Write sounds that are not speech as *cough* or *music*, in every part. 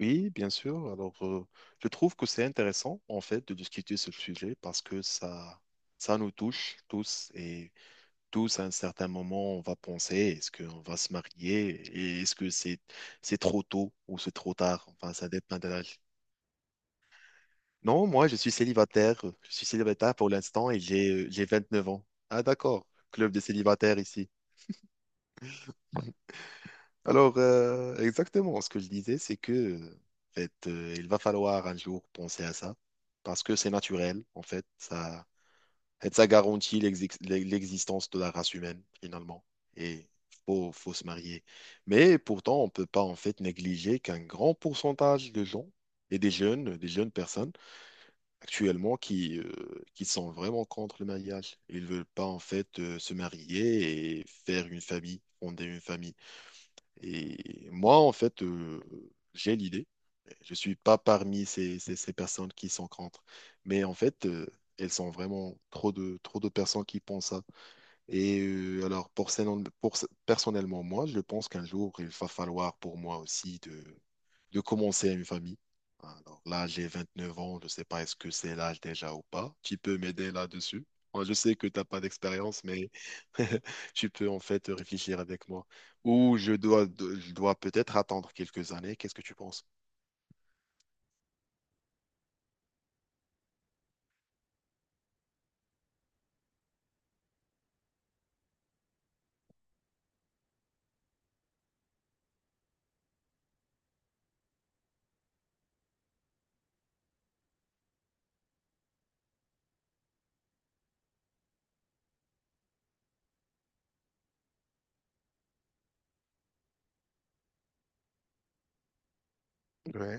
Oui, bien sûr. Alors, je trouve que c'est intéressant, en fait, de discuter ce sujet parce que ça nous touche tous et tous, à un certain moment, on va penser, est-ce qu'on va se marier et est-ce que c'est trop tôt ou c'est trop tard? Enfin, ça dépend de l'âge. Non, moi, je suis célibataire. Je suis célibataire pour l'instant et j'ai 29 ans. Ah, d'accord. Club des célibataires ici. Alors, exactement, ce que je disais, c'est que, en fait, il va falloir un jour penser à ça, parce que c'est naturel, en fait, ça garantit l'existence de la race humaine, finalement, et faut se marier. Mais pourtant, on ne peut pas, en fait, négliger qu'un grand pourcentage de gens, et des jeunes personnes, actuellement, qui sont vraiment contre le mariage. Ils ne veulent pas, en fait, se marier et faire une famille, fonder une famille. Et moi, en fait, j'ai l'idée. Je suis pas parmi ces personnes qui sont contre. Mais en fait, elles sont vraiment trop de personnes qui pensent ça. Et alors, pour, ces- non- pour- ce- personnellement, moi, je pense qu'un jour, il va falloir pour moi aussi de commencer une famille. Alors là, j'ai 29 ans, je ne sais pas est-ce que c'est l'âge déjà ou pas. Tu peux m'aider là-dessus. Moi, je sais que tu n'as pas d'expérience, mais *laughs* tu peux en fait réfléchir avec moi. Ou je dois peut-être attendre quelques années. Qu'est-ce que tu penses? Ouais.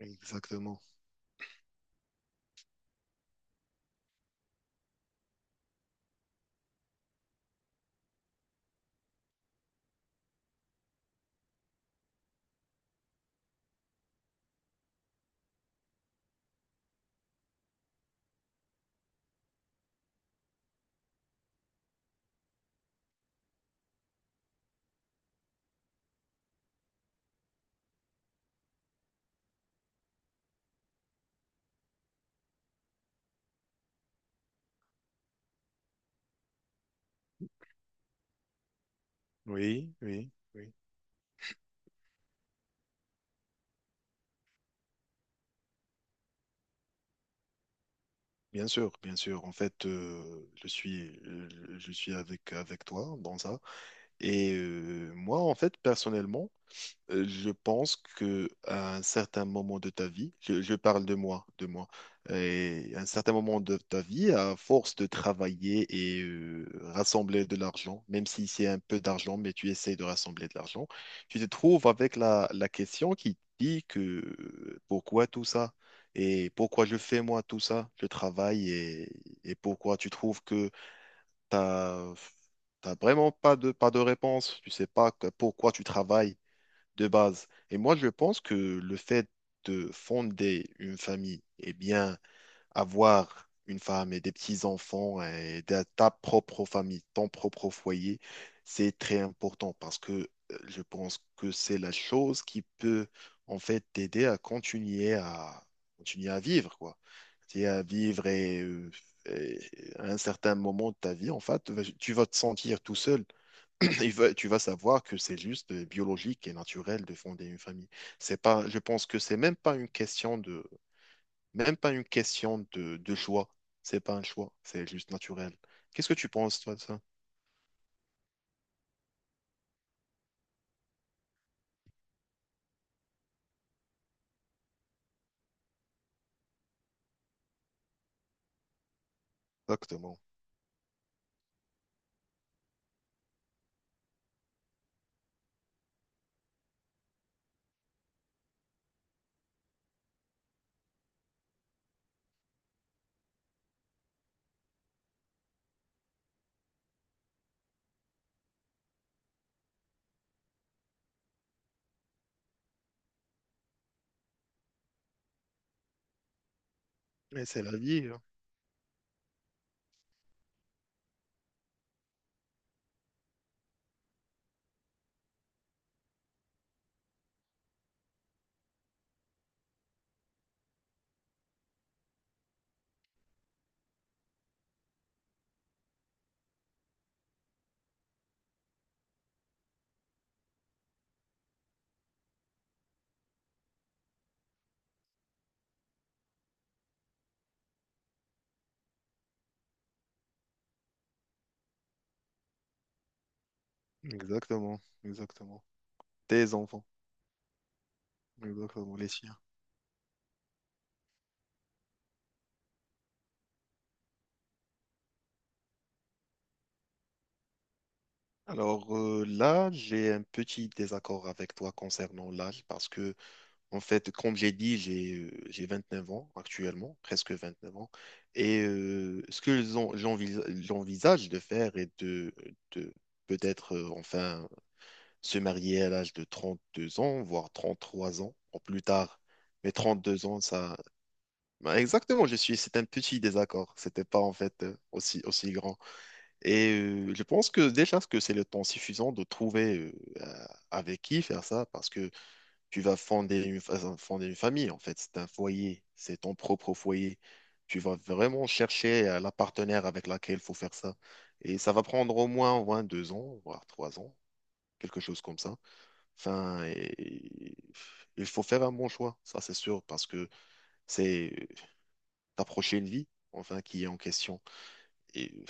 Exactement. Oui, oui, oui. Bien sûr, bien sûr. En fait, je suis avec toi dans ça. Et moi, en fait, personnellement, je pense que à un certain moment de ta vie, je parle de moi, et à un certain moment de ta vie, à force de travailler et rassembler de l'argent, même si c'est un peu d'argent, mais tu essaies de rassembler de l'argent, tu te trouves avec la question qui te dit que pourquoi tout ça? Et pourquoi je fais moi tout ça? Je travaille, et pourquoi tu trouves que t'as, t'as vraiment pas de réponse? Tu sais pas pourquoi tu travailles de base. Et moi, je pense que le fait de fonder une famille, et bien, avoir une femme et des petits-enfants et de ta propre famille, ton propre foyer, c'est très important parce que je pense que c'est la chose qui peut en fait t'aider à continuer à vivre, quoi. C'est à vivre, et à un certain moment de ta vie, en fait, tu vas te sentir tout seul. *clears throat* Tu vas savoir que c'est juste biologique et naturel de fonder une famille. C'est pas, je pense que c'est même pas une question de, de choix. C'est pas un choix, c'est juste naturel. Qu'est-ce que tu penses, toi, de ça? Exactement. Mais c'est la vie, hein. Exactement, exactement. Tes enfants, exactement, les siens. Alors, là, j'ai un petit désaccord avec toi concernant l'âge parce que en fait, comme j'ai dit, j'ai 29 ans actuellement, presque 29 ans. Et ce que j'envisage de faire est de peut-être, enfin, se marier à l'âge de 32 ans, voire 33 ans, ou plus tard. Mais 32 ans, ça. Bah, exactement, c'est un petit désaccord. C'était pas en fait, aussi, aussi grand. Et je pense que déjà, ce que c'est le temps suffisant de trouver euh, avec qui faire ça, parce que tu vas fonder une famille, en fait. C'est un foyer, c'est ton propre foyer. Tu vas vraiment chercher la partenaire avec laquelle il faut faire ça. Et ça va prendre au moins 2 ans, voire 3 ans, quelque chose comme ça. Enfin, il faut faire un bon choix, ça c'est sûr, parce que c'est t'approcher une vie, enfin, qui est en question. Et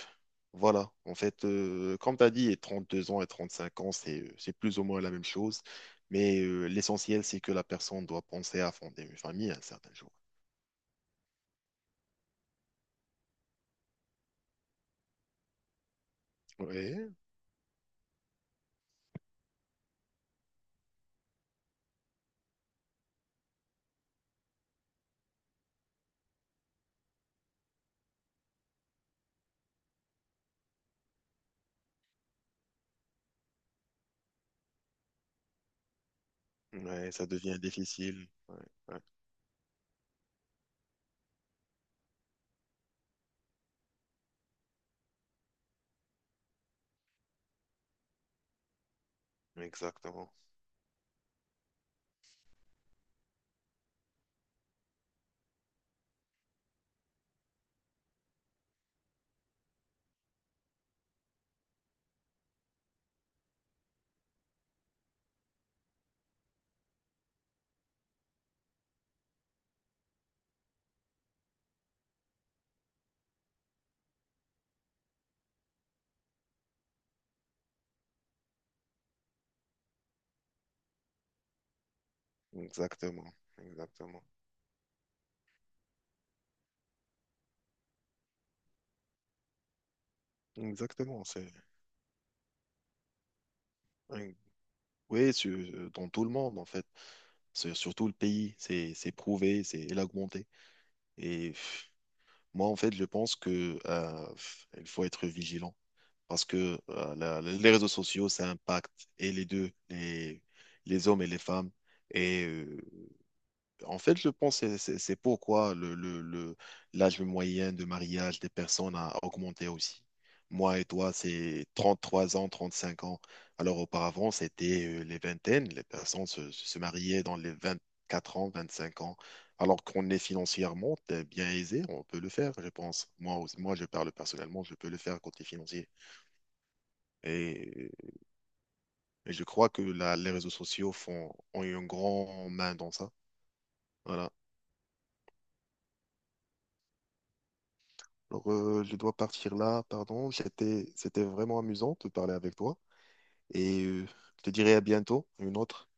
voilà, en fait, comme tu as dit, et 32 ans et 35 ans, c'est plus ou moins la même chose. Mais l'essentiel, c'est que la personne doit penser à fonder une famille un certain jour. Oui, ouais, ça devient difficile. Ouais, ouais, exactement, exactement, exactement, exactement. C'est ouais. Oui, dans tout le monde, en fait. Sur tout le pays, c'est prouvé, c'est augmenté. Et moi, en fait, je pense que il faut être vigilant. Parce que les réseaux sociaux, ça impacte et les deux, les hommes et les femmes. Et en fait, je pense que c'est pourquoi l'âge moyen de mariage des personnes a augmenté aussi. Moi et toi, c'est 33 ans, 35 ans. Alors auparavant, c'était les vingtaines. Les personnes se mariaient dans les 24 ans, 25 ans. Alors qu'on est financièrement bien aisé, on peut le faire, je pense. Moi, je parle personnellement, je peux le faire côté financier. Et Et je crois que les réseaux sociaux ont eu une grande main dans ça. Voilà. Alors, je dois partir là, pardon. C'était vraiment amusant de parler avec toi. Et je te dirai à bientôt, une autre.